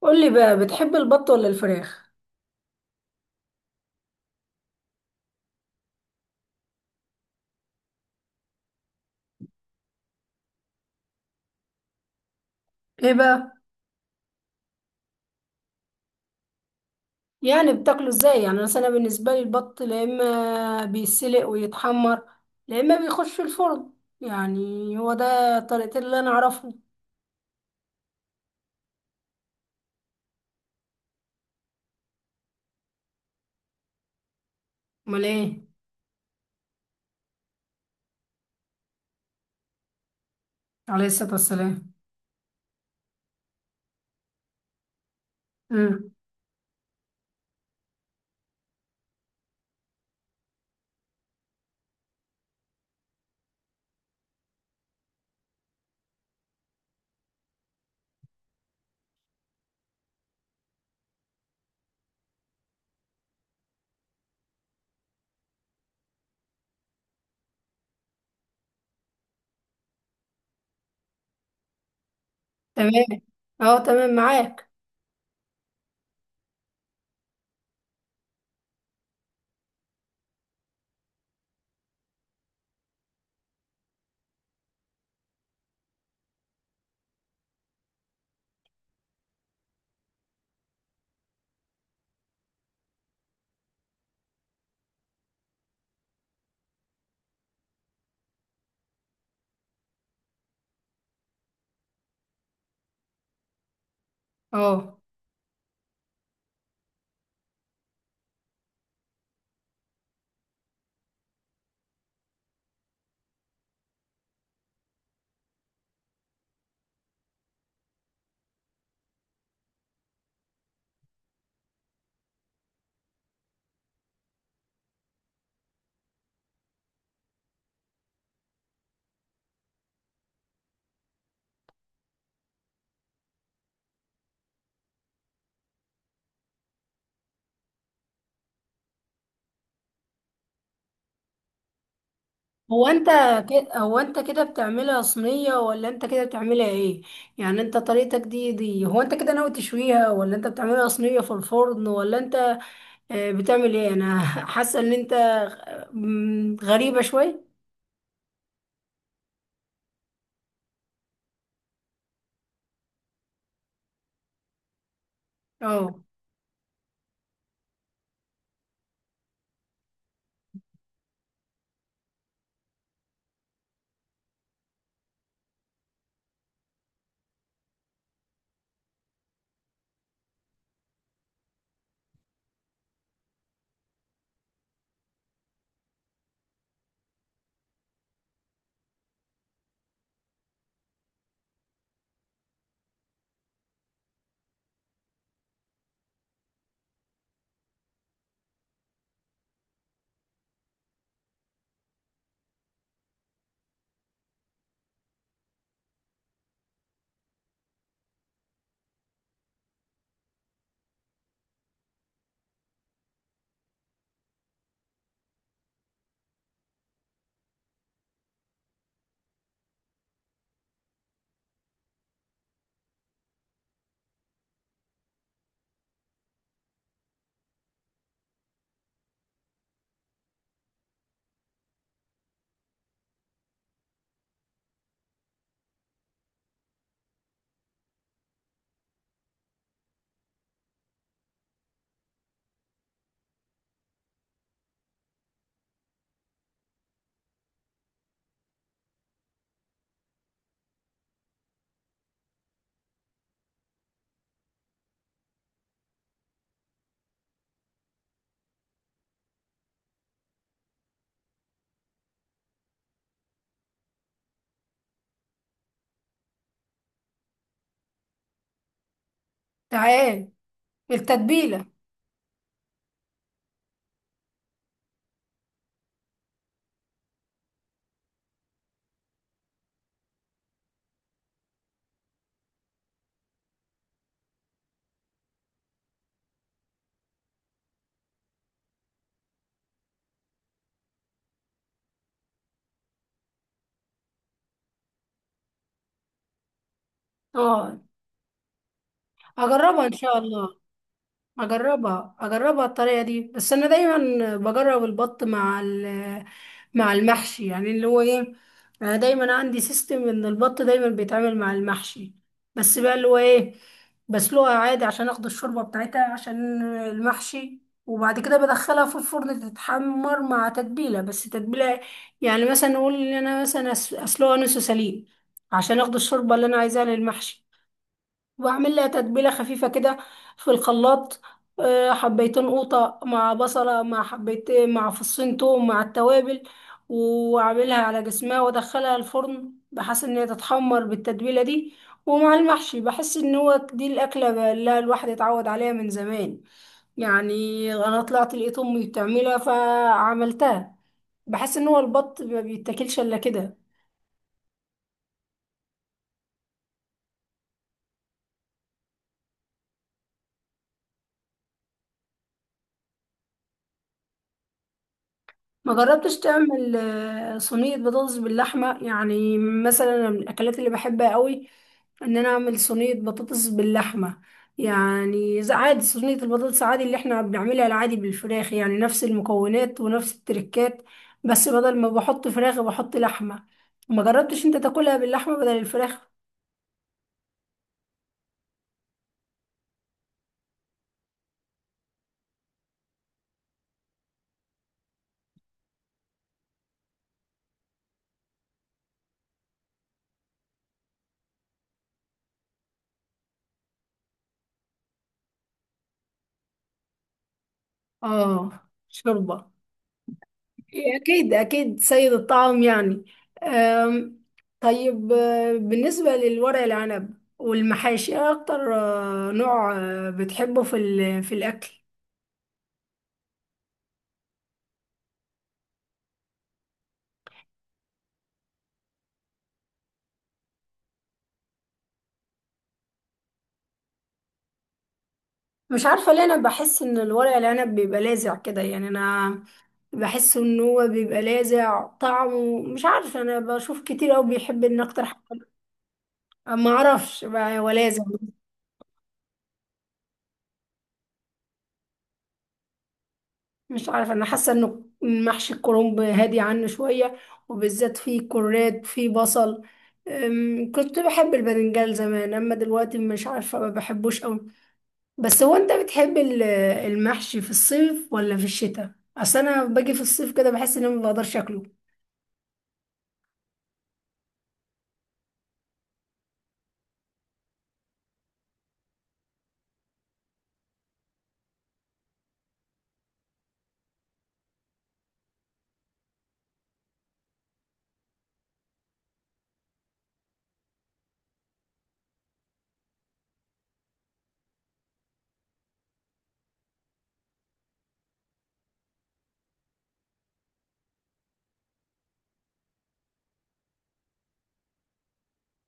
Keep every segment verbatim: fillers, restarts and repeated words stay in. قولي بقى، بتحب البط ولا الفراخ؟ ايه بقى؟ يعني بتاكله ازاي؟ يعني مثلا أنا بالنسبه لي البط لا اما بيسلق ويتحمر، لا اما بيخش في الفرن. يعني هو ده الطريقتين اللي انا اعرفهم. امال ايه؟ عليه الصلاه والسلام. امم. تمام. اه، تمام معاك. اه. هو انت كده هو انت كده بتعملها صينيه ولا انت كده بتعملها ايه؟ يعني انت طريقتك دي دي هو انت كده ناوي تشويها ولا انت بتعملها صينيه في الفرن ولا انت آه، بتعمل ايه؟ انا حاسه ان انت مم، غريبه شويه. اه. تعال. التتبيله. اه، هجربها ان شاء الله. اجربها اجربها الطريقه دي. بس انا دايما بجرب البط مع ال- مع المحشي، يعني اللي هو ايه، انا دايما عندي سيستم ان البط دايما بيتعمل مع المحشي. بس بقى اللي هو ايه، بسلقها عادي عشان اخد الشوربه بتاعتها عشان المحشي، وبعد كده بدخلها في الفرن تتحمر مع تتبيله، بس تتبيله. يعني مثلا نقول ان انا مثلا أس- اسلقها نص سليق عشان اخد الشوربه اللي انا عايزاها للمحشي، واعمل لها تتبيله خفيفه كده في الخلاط. آه، حبيتين قوطه مع بصله مع حبيت مع فصين توم مع التوابل، واعملها على جسمها وادخلها الفرن بحيث ان هي تتحمر بالتتبيله دي. ومع المحشي بحس ان هو دي الاكله اللي الواحد اتعود عليها من زمان. يعني انا طلعت لقيت امي بتعملها فعملتها. بحس ان هو البط ما بيتاكلش الا كده. ما جربتش تعمل آه، صينية بطاطس باللحمة؟ يعني مثلا أنا من الأكلات اللي بحبها قوي، إن أنا أعمل صينية بطاطس باللحمة. يعني زي عادي، صينية البطاطس عادي اللي إحنا بنعملها العادي بالفراخ، يعني نفس المكونات ونفس التركات، بس بدل ما بحط فراخ بحط لحمة. ما جربتش أنت تاكلها باللحمة بدل الفراخ؟ آه، شوربة. إيه، أكيد أكيد سيد الطعام يعني. أم، طيب، آه، بالنسبة للورق العنب والمحاشي، إيه أكتر آه، نوع آه، بتحبه في ال- في الأكل؟ مش عارفة ليه، أنا بحس إن الورق العنب بيبقى لاذع كده. يعني أنا بحس إن هو بيبقى لاذع طعمه، مش عارفة، أنا بشوف كتير أوي بيحب إن أكتر حاجة. ما أعرفش بقى، هو لاذع. مش عارفة، أنا حاسة إنه محشي الكرنب هادي عنه شوية، وبالذات فيه كراد، فيه بصل. أم، كنت بحب الباذنجان زمان، أما دلوقتي مش عارفة، ما بحبوش أوي. بس هو أنت بتحب ال- المحشي في الصيف ولا في الشتاء؟ أصل أنا باجي في الصيف كده بحس إني ما بقدرش أكله.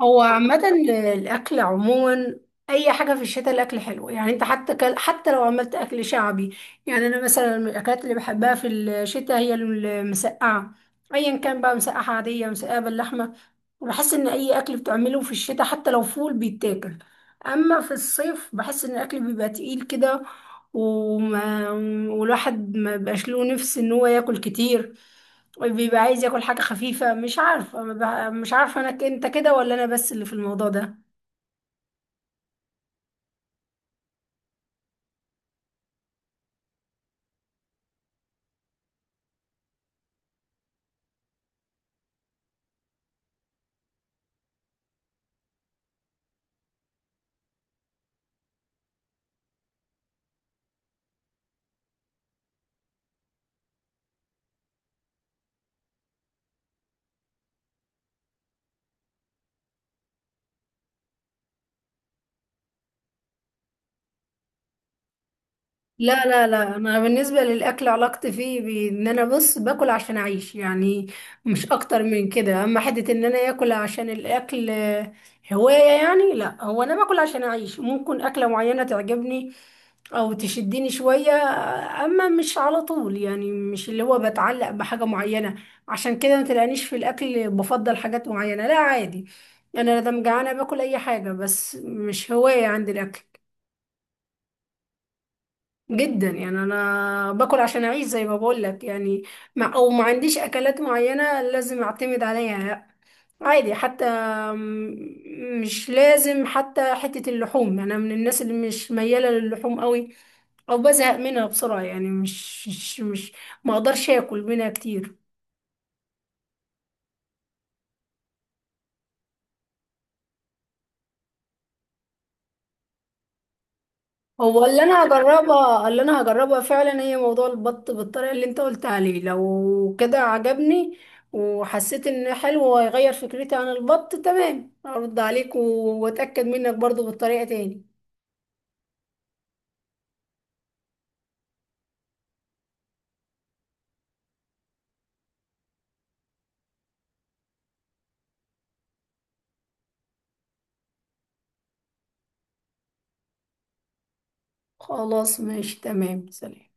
هو عامة الأكل عموما، أي حاجة في الشتاء الأكل حلو. يعني أنت حتى كل، حتى لو عملت أكل شعبي. يعني أنا مثلا من الأكلات اللي بحبها في الشتاء هي المسقعة، أيا كان بقى، مسقعة عادية مسقعة باللحمة. وبحس إن أي أكل بتعمله في الشتاء حتى لو فول بيتاكل. أما في الصيف بحس إن الأكل بيبقى تقيل كده. وما والواحد ما بيبقاش له نفس إن هو ياكل كتير، بيبقى عايز ياكل حاجة خفيفة. مش عارفة، ما بح- مش عارفة، انا ك- انت كده ولا انا، بس اللي في الموضوع ده. لا لا لا، انا بالنسبة للاكل، علاقتي فيه ب- ان انا بص، باكل عشان اعيش، يعني مش اكتر من كده. اما حتة ان انا اكل عشان الاكل آه، هواية، يعني لا، هو انا باكل عشان اعيش. ممكن اكلة معينة تعجبني او تشدني شوية، اما مش على طول، يعني مش اللي هو بتعلق بحاجة معينة. عشان كده ما تلاقينيش في الاكل بفضل حاجات معينة، لا عادي. يعني انا لما جعانة باكل اي حاجة، بس مش هواية عندي الاكل. جدا، يعني انا باكل عشان اعيش زي ما بقول لك. يعني مع او ما عنديش اكلات معينة لازم اعتمد عليها، لا عادي حتى. م- مش لازم حتى حتة اللحوم، انا من الناس اللي مش ميالة للحوم قوي، او بزهق منها بسرعة. يعني مش مش مش ما اقدرش اكل منها كتير. هو اللي انا هجربها، اللي انا هجربها فعلا، هي موضوع البط بالطريقة اللي انت قلت عليه. لو كده عجبني وحسيت ان حلو، وهيغير فكرتي عن البط تمام، ارد عليك و- واتأكد منك برضو بالطريقة تاني. خلاص، ماشي، تمام، سلام.